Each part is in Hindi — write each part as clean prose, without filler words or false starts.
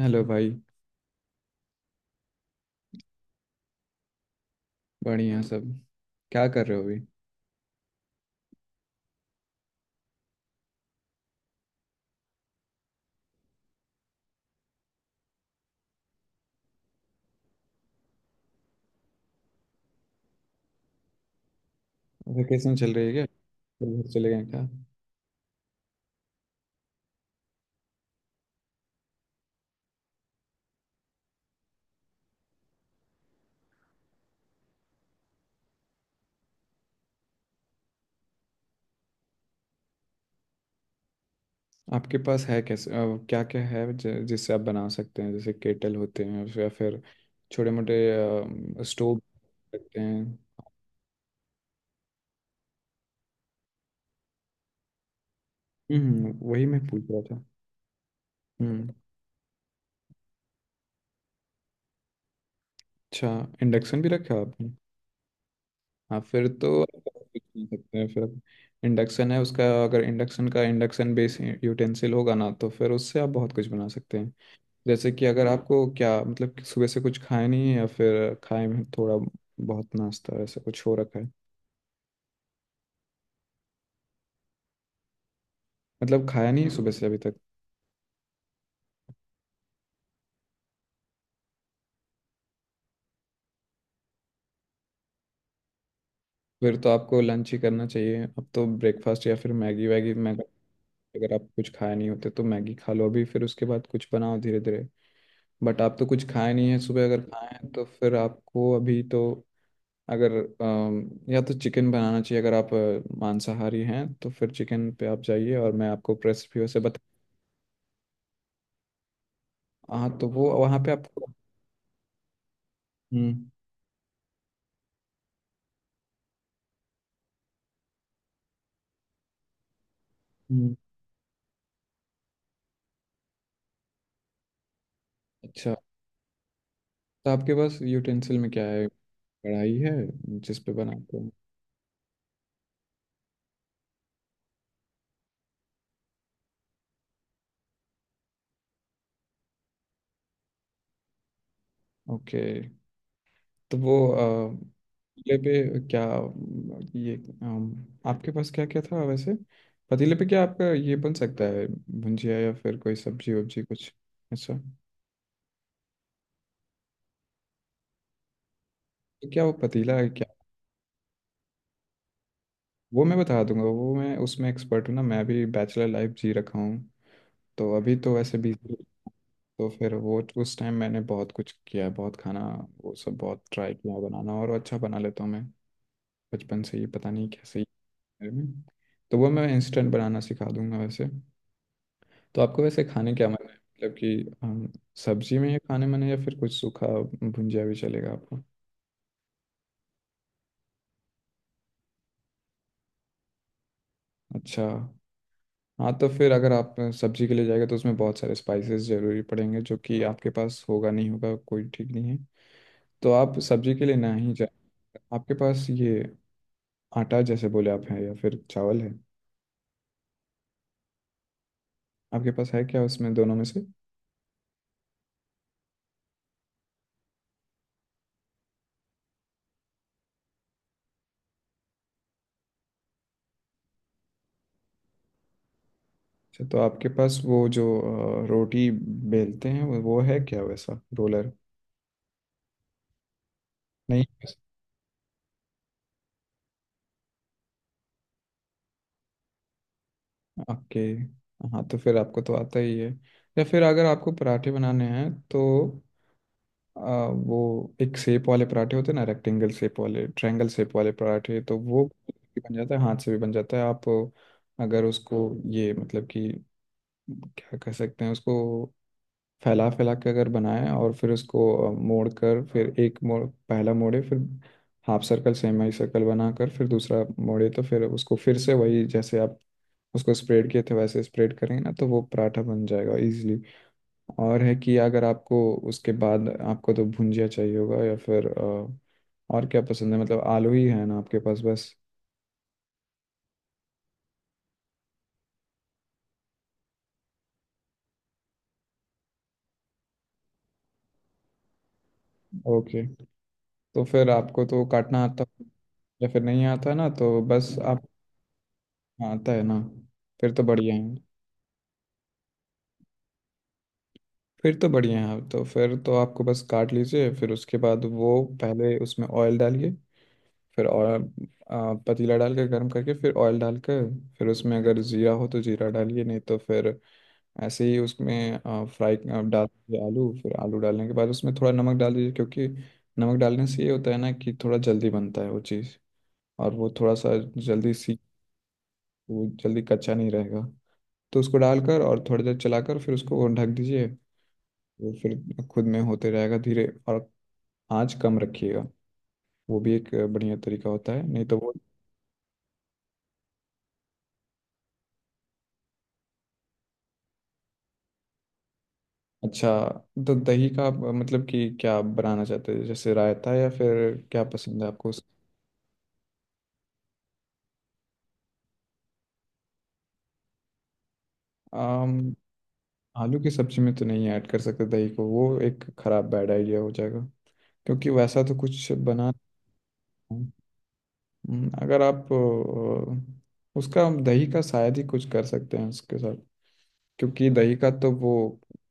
हेलो भाई। बढ़िया सब। क्या कर रहे हो अभी। वेकेशन चल रही है क्या, तो घर चले गए क्या। आपके पास है कैसे, क्या क्या है जिससे आप बना सकते हैं, जैसे केटल होते हैं या फिर छोटे मोटे स्टोव रखते हैं। वही मैं पूछ रहा था। हम्म। अच्छा। इंडक्शन भी रखा है आपने। हाँ, फिर तो आप कुछ नहीं सकते हैं फिर। इंडक्शन है उसका, अगर इंडक्शन का इंडक्शन बेस यूटेंसिल होगा ना, तो फिर उससे आप बहुत कुछ बना सकते हैं। जैसे कि अगर आपको क्या मतलब कि सुबह से कुछ खाया नहीं है या फिर खाए में थोड़ा बहुत नाश्ता ऐसा कुछ हो रखा है। मतलब खाया नहीं है सुबह से अभी तक। फिर तो आपको लंच ही करना चाहिए अब तो, ब्रेकफास्ट या फिर मैगी वैगी। मैं, अगर आप कुछ खाए नहीं होते तो मैगी खा लो अभी, फिर उसके बाद कुछ बनाओ धीरे धीरे। बट आप तो कुछ खाए नहीं है सुबह, अगर खाए हैं तो फिर आपको अभी तो अगर या तो चिकन बनाना चाहिए, अगर आप मांसाहारी हैं तो फिर चिकन पे आप जाइए, और मैं आपको रेसिपी वैसे बता। हाँ, तो वो वहाँ पे आपको। हम्म, हम्म। अच्छा, तो आपके पास यूटेंसिल में क्या है। कढ़ाई है जिस पे बनाते हैं। ओके, तो वो पतीले पे क्या, ये आपके पास क्या क्या था वैसे, पतीले पे क्या आपका ये बन सकता है, भुंजिया या फिर कोई सब्जी वब्जी कुछ। अच्छा, तो क्या वो पतीला है क्या। वो मैं बता दूंगा, वो मैं उसमें एक्सपर्ट हूँ ना, मैं अभी बैचलर लाइफ जी रखा हूँ, तो अभी तो वैसे भी। तो फिर वो उस टाइम मैंने बहुत कुछ किया है, बहुत खाना वो सब बहुत ट्राई किया है बनाना, और अच्छा बना लेता हूँ मैं बचपन से ही, पता नहीं कैसे ही मेरे में। तो वो मैं इंस्टेंट बनाना सिखा दूंगा वैसे। तो आपको वैसे खाने क्या मन है, मतलब कि सब्जी में ही खाने मन है या फिर कुछ सूखा, भुंजिया भी चलेगा आपको। अच्छा। हाँ, तो फिर अगर आप सब्जी के लिए जाएगा तो उसमें बहुत सारे स्पाइसेस जरूरी पड़ेंगे, जो कि आपके पास होगा नहीं, होगा कोई ठीक नहीं है, तो आप सब्जी के लिए ना ही जाए। आपके पास ये आटा जैसे बोले आप हैं या फिर चावल है, आपके पास है क्या उसमें दोनों में से। अच्छा, तो आपके पास वो जो रोटी बेलते हैं वो है क्या, वैसा रोलर। नहीं। ओके। हाँ, तो फिर आपको तो आता ही है, या फिर अगर आपको पराठे बनाने हैं तो अ, वो एक शेप वाले पराठे होते हैं ना, रेक्टेंगल शेप वाले, ट्रायंगल शेप वाले पराठे, तो वो भी बन जाता है, हाथ से भी बन जाता है, आप अगर उसको, ये मतलब कि क्या कह सकते हैं उसको, फैला फैला के अगर बनाए, और फिर उसको मोड़ कर, फिर एक मोड़, पहला मोड़े, फिर हाफ सर्कल सेमी सर्कल बनाकर फिर दूसरा मोड़े, तो फिर उसको फिर से वही जैसे आप उसको स्प्रेड किए थे वैसे स्प्रेड करेंगे ना, तो वो पराठा बन जाएगा इजीली। और है कि अगर आपको उसके बाद, आपको तो भुंजिया चाहिए होगा या फिर और क्या पसंद है, मतलब आलू ही है ना आपके पास बस। ओके, तो फिर आपको तो काटना आता या फिर नहीं आता ना, तो बस आप। हाँ, आता है ना, फिर तो बढ़िया है। फिर तो बढ़िया है, तो फिर तो आपको बस काट लीजिए, फिर उसके बाद वो पहले उसमें ऑयल डालिए, फिर और पतीला डाल के गर्म करके फिर ऑयल डाल के, फिर उसमें अगर जीरा हो तो जीरा डालिए, नहीं तो फिर ऐसे ही उसमें फ्राई डाल दीजिए आलू, फिर आलू डालने के बाद उसमें थोड़ा नमक डाल दीजिए, क्योंकि नमक डालने से ये होता है ना कि थोड़ा जल्दी बनता है वो चीज़, और वो थोड़ा सा जल्दी सी, वो जल्दी कच्चा नहीं रहेगा। तो उसको डालकर और थोड़ी देर चलाकर फिर उसको ढक दीजिए, वो फिर खुद में होते रहेगा धीरे, और आँच कम रखिएगा। वो भी एक बढ़िया तरीका होता है, नहीं तो वो। अच्छा। तो दही का मतलब कि क्या बनाना चाहते हैं, जैसे रायता, या फिर क्या पसंद है आपको। आम, आलू की सब्जी में तो नहीं ऐड कर सकते दही को, वो एक खराब बैड आइडिया हो जाएगा, क्योंकि वैसा तो कुछ बना। अगर आप उसका दही का शायद ही कुछ कर सकते हैं उसके साथ, क्योंकि दही का तो वो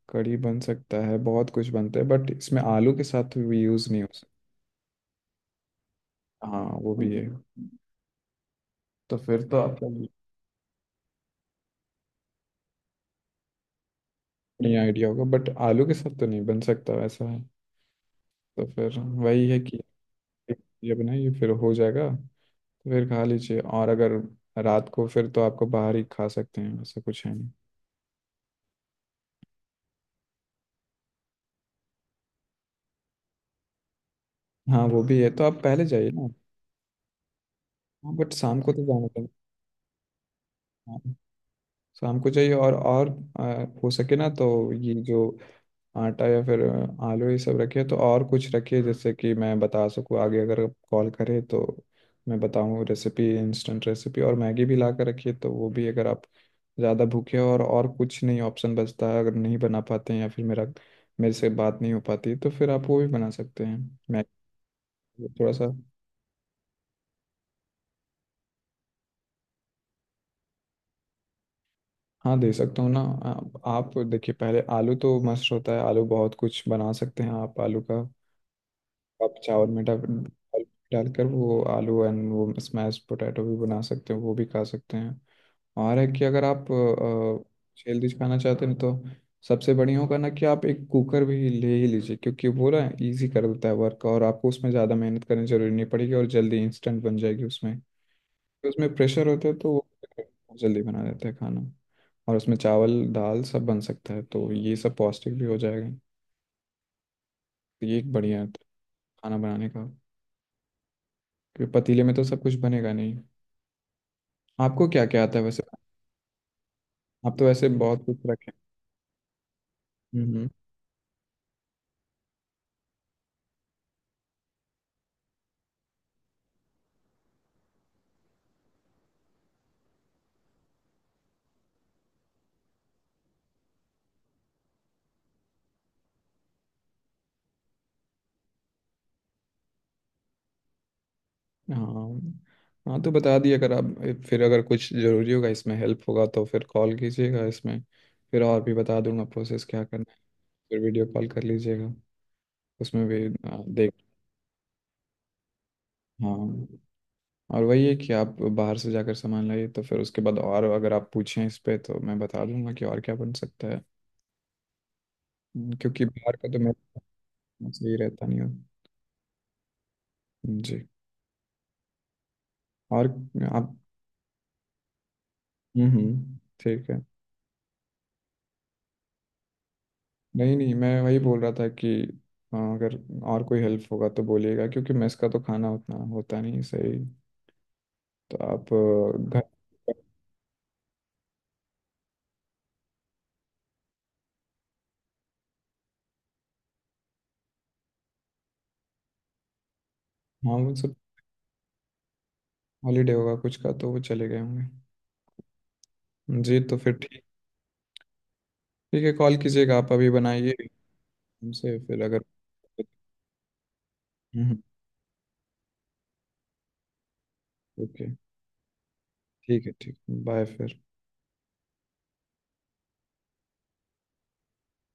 कढ़ी बन सकता है, बहुत कुछ बनता है, बट इसमें आलू के साथ भी यूज़ नहीं हो सकता। हाँ, वो भी है, तो फिर तो आपका। नहीं, आइडिया होगा, बट आलू के साथ तो नहीं बन सकता वैसा है, तो फिर वही है कि ये बनाइए फिर हो जाएगा। तो फिर खा लीजिए, और अगर रात को, फिर तो आपको बाहर ही खा सकते हैं ऐसा कुछ है नहीं। हाँ, वो भी है, तो आप पहले जाइए ना। हाँ, बट शाम को तो जाना पड़ेगा। हाँ, शाम को जाइए, और हो सके ना तो ये जो आटा या फिर आलू, ये सब रखिए, तो और कुछ रखिए जिससे कि मैं बता सकूँ आगे, अगर कॉल करे तो मैं बताऊँ रेसिपी, इंस्टेंट रेसिपी, और मैगी भी ला कर रखिए, तो वो भी, अगर आप ज़्यादा भूखे हो और कुछ नहीं ऑप्शन बचता है, अगर नहीं बना पाते हैं या फिर मेरा मेरे से बात नहीं हो पाती, तो फिर आप वो भी बना सकते हैं। मैं थोड़ा सा। हाँ, दे सकता हूँ ना। आप देखिए पहले, आलू तो मस्त होता है, आलू बहुत कुछ बना सकते हैं आप, आलू का आप चावल में डालकर वो आलू, एंड वो स्मैश पोटैटो भी बना सकते हो, वो भी खा सकते हैं। और है कि अगर आप हेल्दी खाना चाहते हैं तो सबसे बढ़िया होगा ना कि आप एक कुकर भी ले ही लीजिए, क्योंकि वो ना ईजी कर देता है वर्क, और आपको उसमें ज़्यादा मेहनत करनी जरूरी नहीं पड़ेगी, और जल्दी इंस्टेंट बन जाएगी उसमें, तो उसमें प्रेशर होता है तो वो जल्दी बना देता है खाना, और उसमें चावल दाल सब बन सकता है, तो ये सब पौष्टिक भी हो जाएगा, तो ये एक बढ़िया है खाना बनाने का, क्योंकि पतीले में तो सब कुछ बनेगा नहीं। आपको क्या क्या आता है वैसे, आप तो वैसे बहुत कुछ रखे। हम्म हाँ हाँ, तो बता दिए अगर आप, फिर अगर कुछ जरूरी होगा इसमें हेल्प होगा तो फिर कॉल कीजिएगा, इसमें फिर और भी बता दूंगा प्रोसेस क्या करना है, फिर वीडियो कॉल कर लीजिएगा, उसमें भी देख। हाँ, और वही है कि आप बाहर से जाकर सामान लाइए, तो फिर उसके बाद और अगर आप पूछें इस पे तो मैं बता दूंगा कि और क्या बन सकता है। क्योंकि बाहर का तो मैं सही रहता नहीं हूँ। जी। और आप। हम्म, ठीक है। नहीं नहीं, मैं वही बोल रहा था कि हाँ, अगर और कोई हेल्प होगा तो बोलिएगा, क्योंकि मेस का तो खाना उतना होता नहीं सही, तो आप घर। हाँ, वो सब हॉलीडे होगा कुछ का, तो वो चले गए होंगे। जी, तो फिर ठीक। ठीक है, कॉल कीजिएगा आप अभी बनाइए हमसे, फिर अगर। हम्म। ओके। ठीक है ठीक। बाय फिर।